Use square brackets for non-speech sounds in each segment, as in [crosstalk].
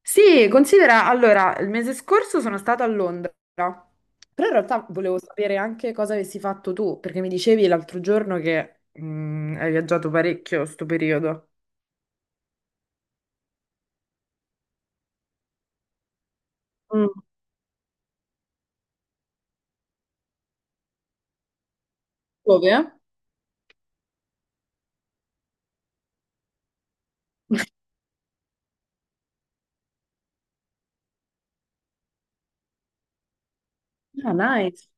Sì, considera, allora, il mese scorso sono stata a Londra, però in realtà volevo sapere anche cosa avessi fatto tu, perché mi dicevi l'altro giorno che hai viaggiato parecchio sto periodo. Mm. Dove? Ah, nice.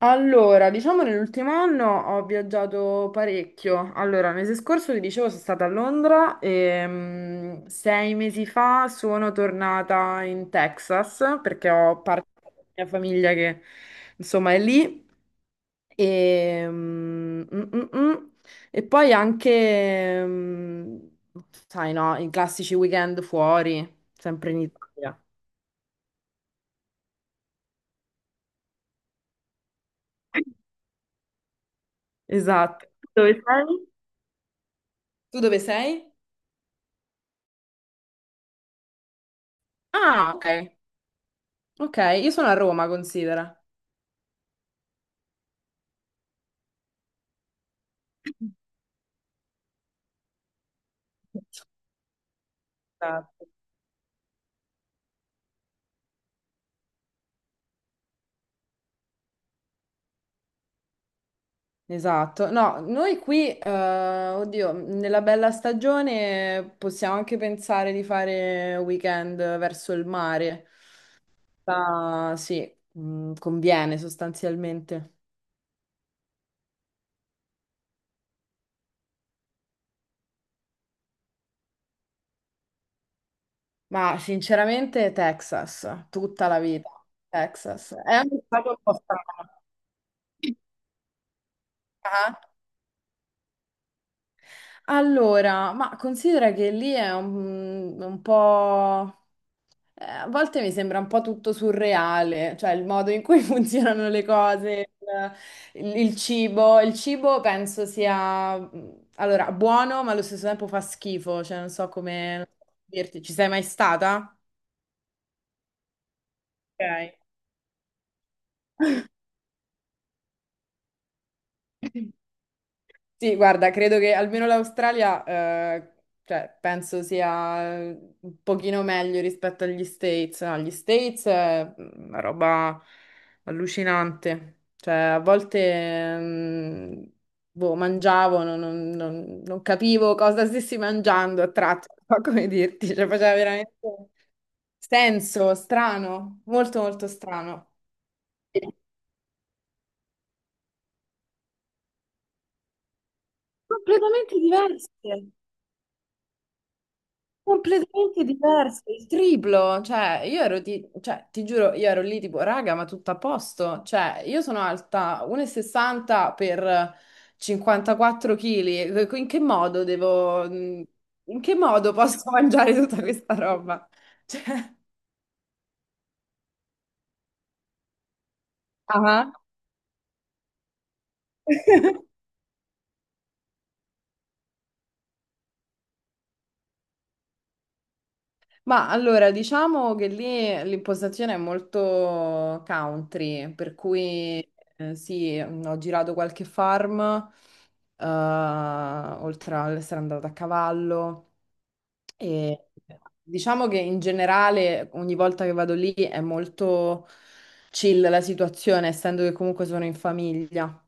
Allora, diciamo nell'ultimo anno ho viaggiato parecchio. Allora, il mese scorso ti dicevo sono stata a Londra e 6 mesi fa sono tornata in Texas perché ho parte della mia famiglia che insomma è lì. E, mm, mm, mm, mm. E poi anche, sai no, i classici weekend fuori, sempre in Italia. Esatto. Dove sei? Tu dove sei? Ah, ok. Ok, io sono a Roma, considera. Esatto. Esatto. No, noi qui, oddio, nella bella stagione possiamo anche pensare di fare weekend verso il mare. Ma sì, conviene sostanzialmente. Ma sinceramente Texas, tutta la vita. Texas. È anche stato un po' strano. Ah. Allora, ma considera che lì è un po'. A volte mi sembra un po' tutto surreale, cioè il modo in cui [laughs] funzionano le cose, il cibo. Il cibo penso sia, allora, buono, ma allo stesso tempo fa schifo, cioè non so come dirti. Ci sei mai stata? Ok. Sì, guarda, credo che almeno l'Australia, cioè, penso sia un pochino meglio rispetto agli States. No, gli States è una roba allucinante. Cioè, a volte, boh, mangiavo, non capivo cosa stessi mangiando a tratti, non so [laughs] come dirti, cioè, faceva veramente senso, strano, molto molto strano. Completamente diverse. Completamente diverso, il triplo, cioè io ero di, cioè, ti giuro, io ero lì tipo, raga, ma tutto a posto, cioè io sono alta 1,60 per 54 kg, in che modo posso [laughs] mangiare tutta questa roba? Cioè, ma allora, diciamo che lì l'impostazione è molto country, per cui sì, ho girato qualche farm, oltre ad essere andata a cavallo e diciamo che in generale ogni volta che vado lì è molto chill la situazione, essendo che comunque sono in famiglia.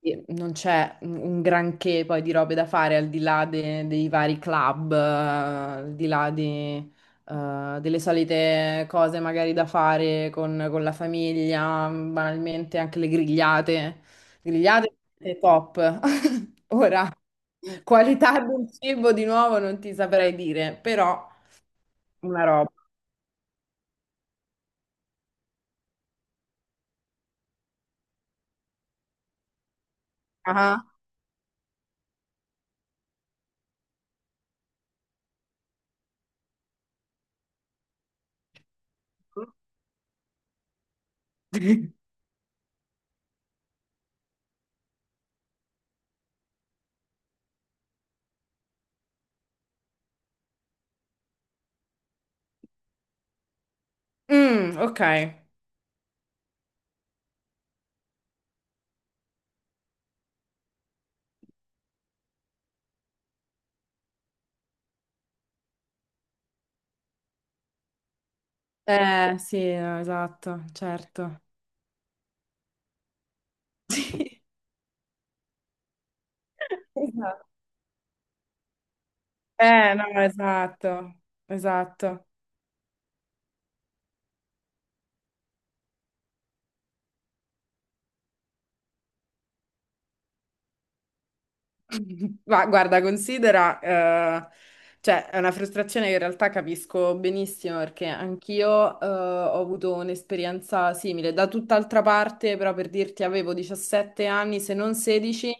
Sì, non c'è un granché poi di robe da fare al di là dei vari club, al di là di, delle solite cose magari da fare con la famiglia, banalmente anche le grigliate. Grigliate è top. [laughs] Ora, qualità del cibo di nuovo non ti saprei dire, però una roba. Ah. [laughs] Mm, ok. Sì, no, esatto, certo. [laughs] Sì. Esatto. No, esatto, esatto. [laughs] Ma guarda, considera, cioè, è una frustrazione che in realtà capisco benissimo perché anch'io, ho avuto un'esperienza simile da tutt'altra parte, però per dirti avevo 17 anni, se non 16,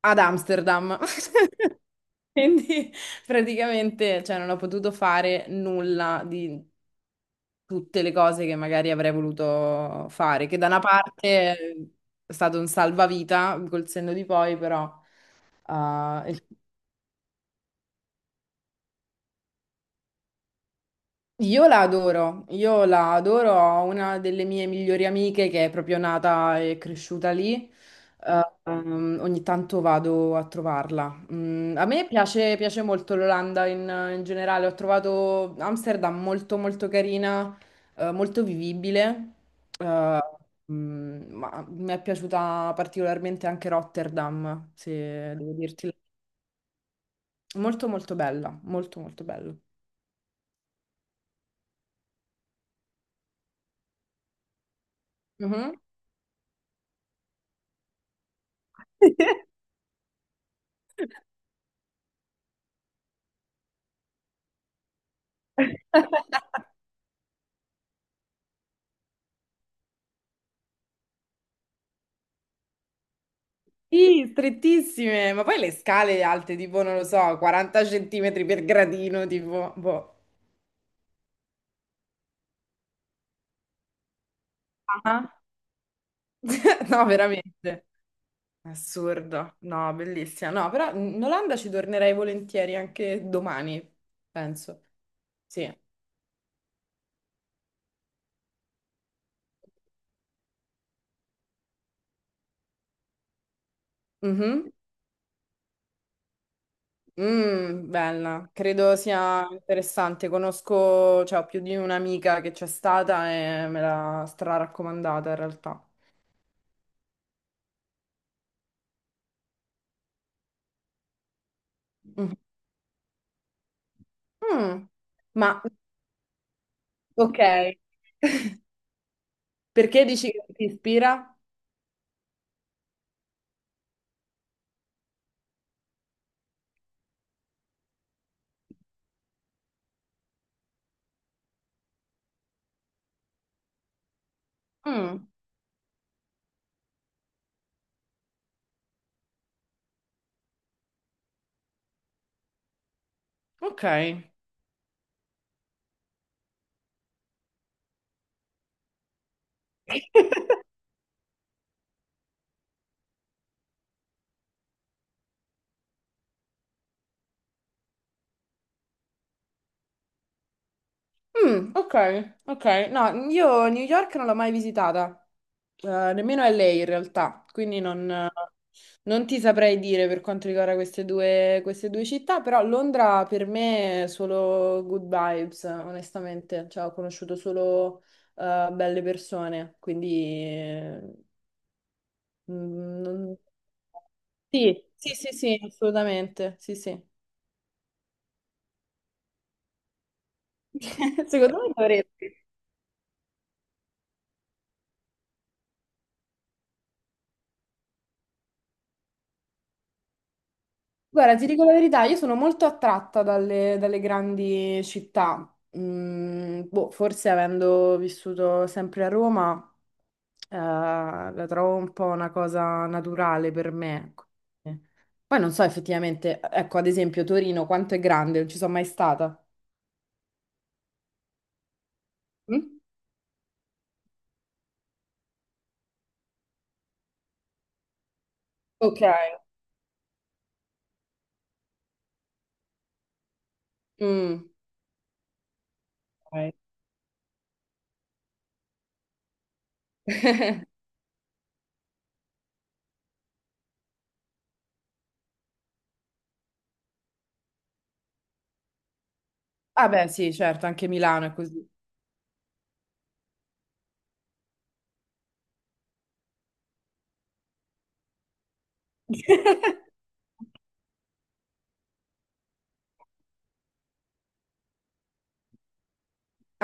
ad Amsterdam. [laughs] Quindi praticamente, cioè, non ho potuto fare nulla di tutte le cose che magari avrei voluto fare, che da una parte è stato un salvavita col senno di poi, però eh, il- io la adoro, ho una delle mie migliori amiche che è proprio nata e cresciuta lì, ogni tanto vado a trovarla. A me piace molto l'Olanda in generale, ho trovato Amsterdam molto molto carina, molto vivibile, eh, ma mi è piaciuta particolarmente anche Rotterdam, se devo dirti. Molto molto bella, molto molto bella. Mhm. [laughs] Sì, strettissime, ma poi le scale alte, tipo, non lo so, 40 centimetri per gradino, tipo, boh. Ah. [laughs] No, veramente. Assurdo. No, bellissima. No, però in Olanda ci tornerei volentieri anche domani, penso. Sì. Mhm. Bella. Credo sia interessante. Conosco, cioè, ho più di un'amica che c'è stata e me l'ha stra-raccomandata in realtà. Mhm. Mm. Ma, ok. Perché dici che ti ispira? Mm. Ok. Mm. Ok, ok. No, io New York non l'ho mai visitata. Eh, nemmeno LA in realtà, quindi non ti saprei dire per quanto riguarda queste due città, però Londra per me è solo good vibes, onestamente, cioè ho conosciuto solo belle persone, quindimm, non- Sì, sì, sì, sì, assolutamente, sì, sì. [laughs] Secondo me dovresti. Guarda, ti dico la verità, io sono molto attratta dalle grandi città. Mm, boh, forse avendo vissuto sempre a Roma, la trovo un po' una cosa naturale per me, ecco. Poi non so effettivamente, ecco, ad esempio Torino, quanto è grande, non ci sono mai stata. Mm? Ok. Mm. Ok. Ah beh, sì, certo, anche Milano è così. [laughs]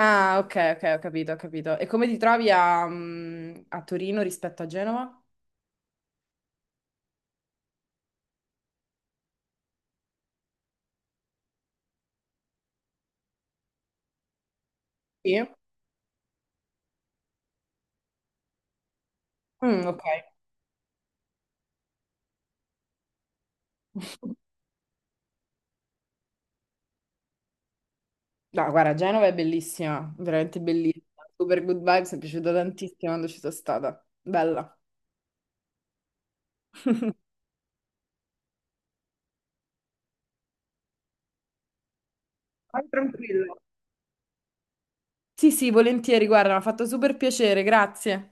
Ah, ok, ok, ho capito, ho capito. E come ti trovi a Torino rispetto a Genova? Sì. Mm, ok. No, guarda, Genova è bellissima, veramente bellissima. Super good vibes, mi è piaciuta tantissimo quando ci sono stata. Bella. Vai tranquillo. Sì, sì, volentieri, guarda, mi ha fatto super piacere, grazie.